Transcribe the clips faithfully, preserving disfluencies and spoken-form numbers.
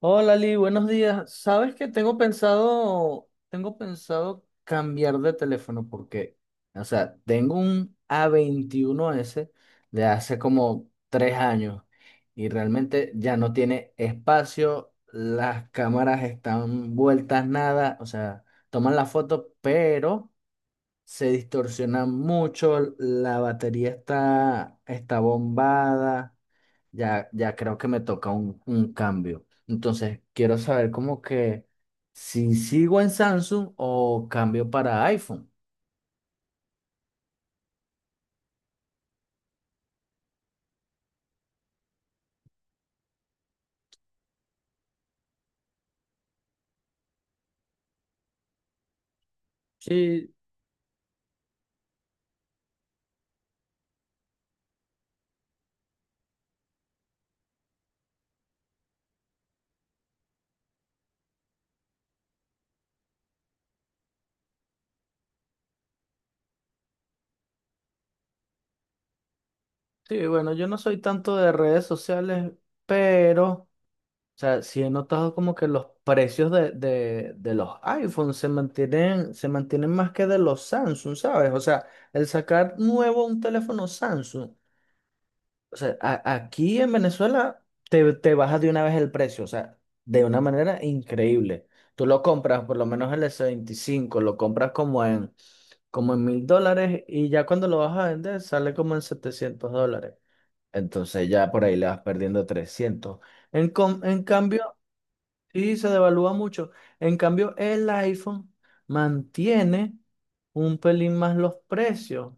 Hola Lee, buenos días. Sabes que tengo pensado, tengo pensado cambiar de teléfono porque, o sea, tengo un a veintiuno s de hace como tres años y realmente ya no tiene espacio, las cámaras están vueltas nada, o sea, toman la foto, pero se distorsiona mucho, la batería está, está bombada. Ya, ya creo que me toca un, un cambio. Entonces, quiero saber como que si sigo en Samsung o cambio para iPhone. Sí, sí, bueno, yo no soy tanto de redes sociales, pero, o sea, sí he notado como que los precios de, de, de los iPhones se mantienen, se mantienen más que de los Samsung, ¿sabes? O sea, el sacar nuevo un teléfono Samsung. O sea, a- aquí en Venezuela te, te baja de una vez el precio, o sea, de una manera increíble. Tú lo compras, por lo menos el s veinticinco, lo compras como en como en mil dólares y ya cuando lo vas a vender sale como en setecientos dólares. Entonces ya por ahí le vas perdiendo trescientos. En, com- en cambio, sí, se devalúa mucho. En cambio, el iPhone mantiene un pelín más los precios.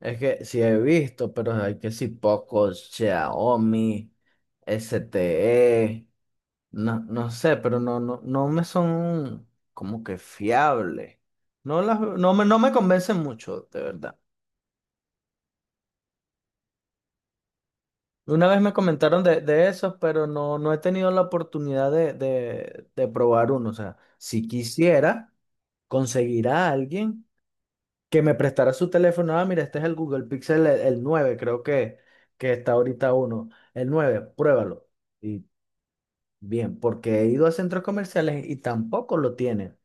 Es que sí he visto, pero hay que si pocos, Xiaomi, S T E no, no, sé, pero no, no, no me son como que fiables. No las, no me, no me convencen mucho, de verdad. Una vez me comentaron de, de esos, pero no, no he tenido la oportunidad de, de, de probar uno. O sea, si quisiera conseguir a alguien que me prestara su teléfono. Ah, mira, este es el Google Pixel, el, el nueve, creo que, que está ahorita uno. El nueve. Pruébalo. Y bien, porque he ido a centros comerciales y tampoco lo tienen.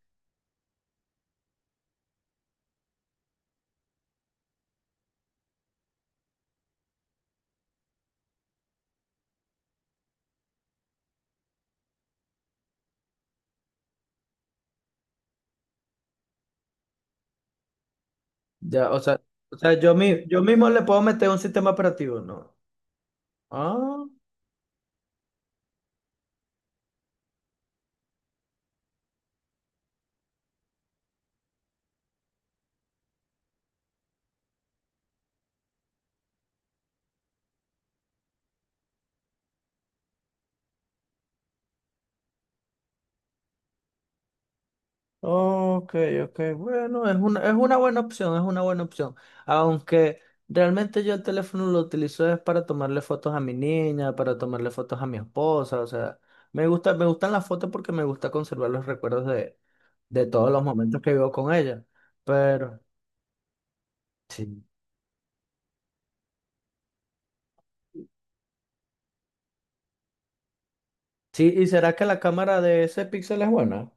Ya, o sea, o sea, yo, mi- yo mismo le puedo meter un sistema operativo, ¿no? Ah. Ok, ok, bueno, es una, es una buena opción, es una buena opción. Aunque realmente yo el teléfono lo utilizo es para tomarle fotos a mi niña, para tomarle fotos a mi esposa, o sea, me gusta, me gustan las fotos porque me gusta conservar los recuerdos de, de todos los momentos que vivo con ella. Pero, sí. Sí, ¿y será que la cámara de ese Pixel es buena?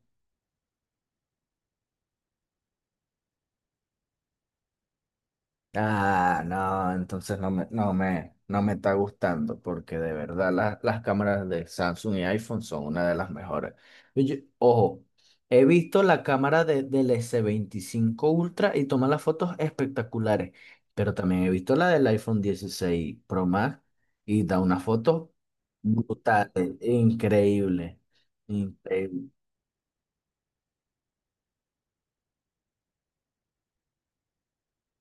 Ah, no, entonces no me, no me, no me está gustando porque de verdad la- las cámaras de Samsung y iPhone son una de las mejores. Y yo- ojo, he visto la cámara de- del s veinticinco Ultra y toma las fotos espectaculares, pero también he visto la del iPhone dieciséis Pro Max y da unas fotos brutales, increíbles, increíbles.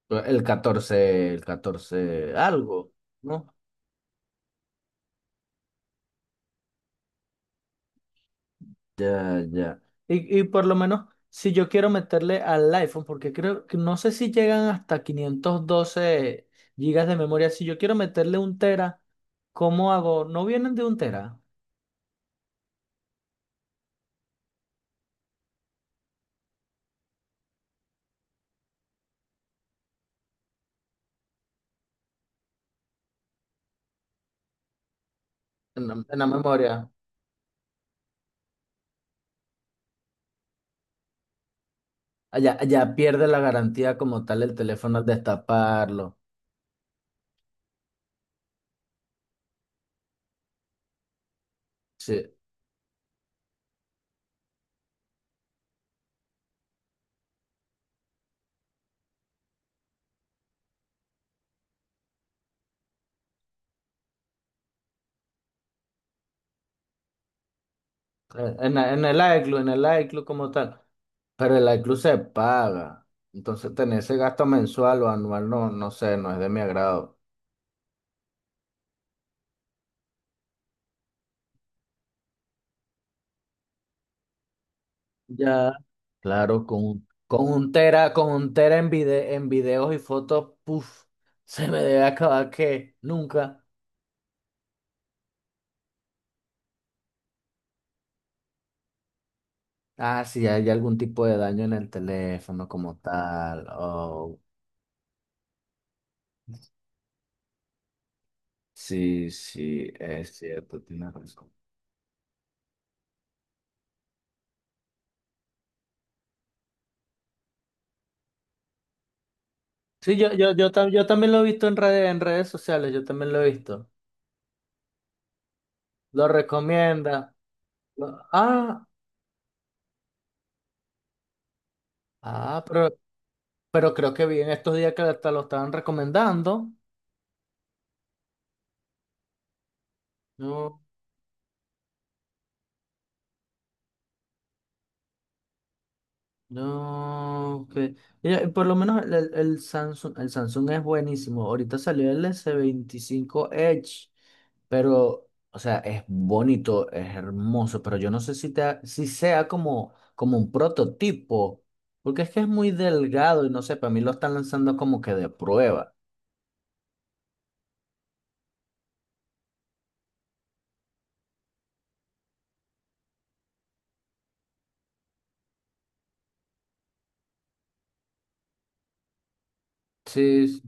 El catorce, el catorce, algo, ¿no? Ya, ya. Y, y por lo menos, si yo quiero meterle al iPhone, porque creo que no sé si llegan hasta quinientos doce gigas de memoria, si yo quiero meterle un tera, ¿cómo hago? ¿No vienen de un tera en la, en la memoria? Allá, allá pierde la garantía como tal el teléfono al destaparlo. Sí. Eh, En, la- en el iCloud, en el iCloud como tal. Pero el iCloud se paga. Entonces, tener ese gasto mensual o anual, no, no, sé, no es de mi agrado. Ya, claro, con, con un tera, con un tera en vide- en videos y fotos, puff se me debe acabar que nunca. Ah, si hay algún tipo de daño en el teléfono como tal. Oh, sí, sí, es cierto, tienes razón. Sí, yo, yo, yo, tam- yo también lo he visto en redes, en redes sociales, yo también lo he visto. Lo recomienda. Lo- ah, ah, pero, pero creo que vi en estos días que hasta lo estaban recomendando. No. No, que mira, por lo menos el, el- el Samsung, el Samsung es buenísimo. Ahorita salió el s veinticinco Edge, pero, o sea, es bonito, es hermoso, pero yo no sé si, te, ha- si sea como, como un prototipo, porque es que es muy delgado y no sé, para mí lo están lanzando como que de prueba. Sí, sí.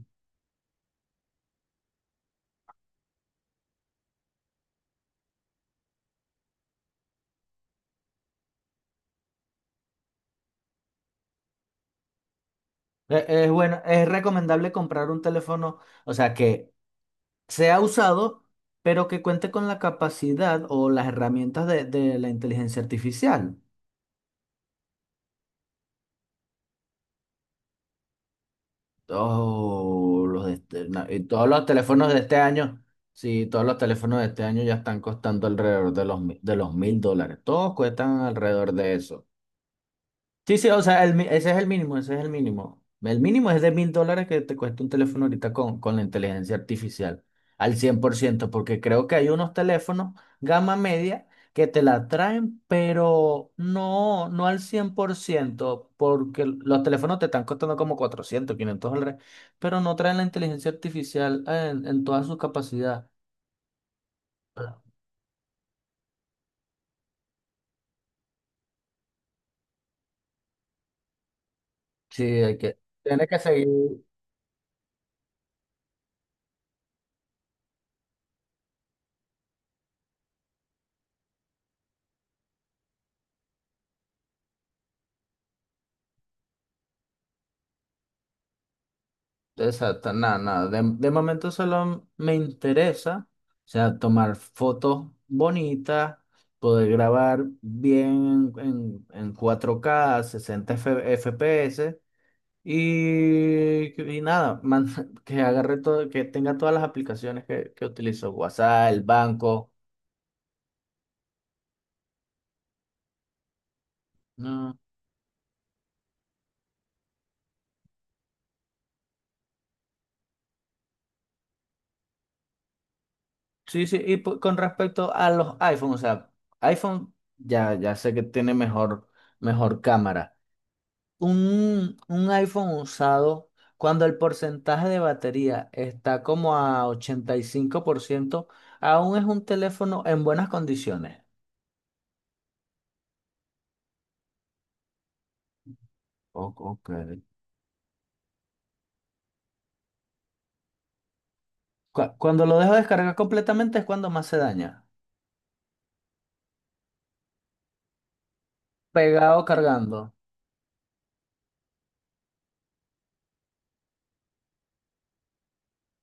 E- Es, bueno, es recomendable comprar un teléfono, o sea, que sea usado, pero que cuente con la capacidad o las herramientas de, de la inteligencia artificial. Todos los de este- na- y todos los teléfonos de este año, sí, todos los teléfonos de este año ya están costando alrededor de los, mi- de los mil dólares. Todos cuestan alrededor de eso. Sí, sí, o sea, el mi- ese es el mínimo, ese es el mínimo. El mínimo es de mil dólares que te cuesta un teléfono ahorita con, con la inteligencia artificial, al cien por ciento porque creo que hay unos teléfonos gama media que te la traen, pero no, no al cien por ciento porque los teléfonos te están costando como cuatrocientos, quinientos dólares, pero no traen la inteligencia artificial en, en toda su capacidad. Sí, hay que, tiene que seguir. Exacto, nada, nada. De, de momento solo me interesa, o sea, tomar fotos bonitas, poder grabar bien en, en cuatro k sesenta F- FPS y, y nada, man- que agarre todo, que tenga todas las aplicaciones que, que utilizo, WhatsApp, el banco. No. Sí, sí, y po- con respecto a los iPhone, o sea, iPhone ya, ya sé que tiene mejor, mejor cámara. Un, un iPhone usado, cuando el porcentaje de batería está como a ochenta y cinco por ciento aún es un teléfono en buenas condiciones. O- ok. Cu- Cuando lo dejo descargar completamente es cuando más se daña. Pegado cargando.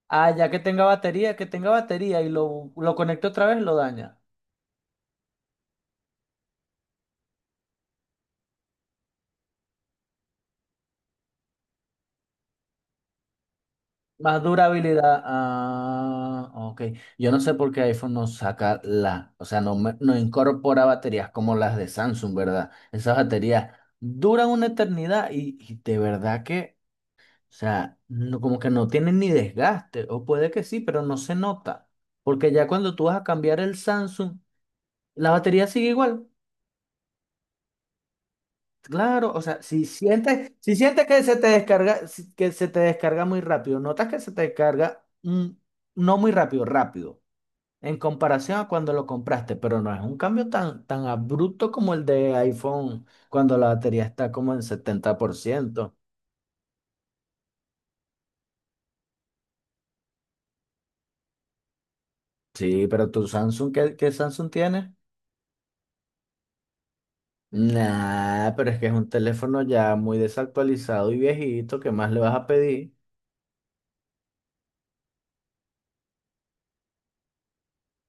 Ah, ya que tenga batería, que tenga batería y lo, lo conecto otra vez, lo daña. Más durabilidad. Ah, ok. Yo no sé por qué iPhone no saca la, o sea, no, me- no incorpora baterías como las de Samsung, ¿verdad? Esas baterías duran una eternidad y, y de verdad que, o sea, no- como que no tienen ni desgaste, o puede que sí, pero no se nota. Porque ya cuando tú vas a cambiar el Samsung, la batería sigue igual. Claro, o sea, si sientes, si sientes que se te descarga, si- que se te descarga muy rápido, notas que se te descarga mm, no muy rápido, rápido. En comparación a cuando lo compraste, pero no es un cambio tan, tan abrupto como el de iPhone cuando la batería está como en setenta por ciento. Sí, pero tu Samsung, ¿qué, qué Samsung tienes? Nah, pero es que es un teléfono ya muy desactualizado y viejito, ¿qué más le vas a pedir?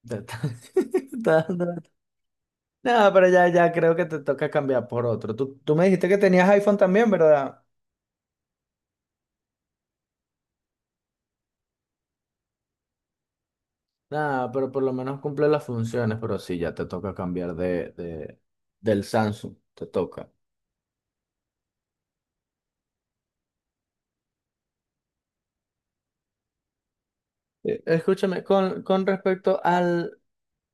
Te está- está dando- No, pero ya, ya creo que te toca cambiar por otro. Tú, tú me dijiste que tenías iPhone también, ¿verdad? Nada, pero por lo menos cumple las funciones, pero sí, ya te toca cambiar de, de- del Samsung, te toca. Eh, Escúchame, con, con respecto al,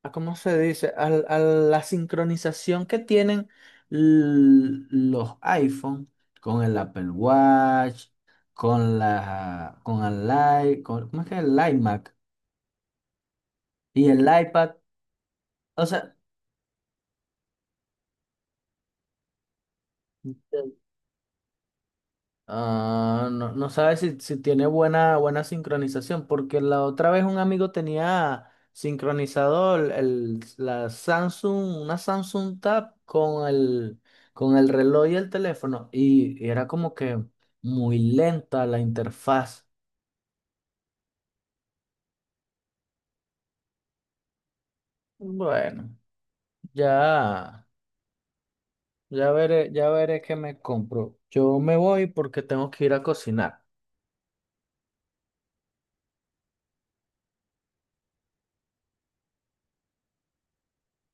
a cómo se dice, al, a la sincronización que tienen l- los iPhone con el Apple Watch, con la, con el i, con, ¿cómo es que es el iMac y el iPad? O sea, Ah, no, no sabes si, si tiene buena, buena sincronización, porque la otra vez un amigo tenía sincronizado el, el- la Samsung, una Samsung Tab con el, con el reloj y el teléfono, y, y era como que muy lenta la interfaz. Bueno, ya, ya veré, ya veré qué me compro. Yo me voy porque tengo que ir a cocinar.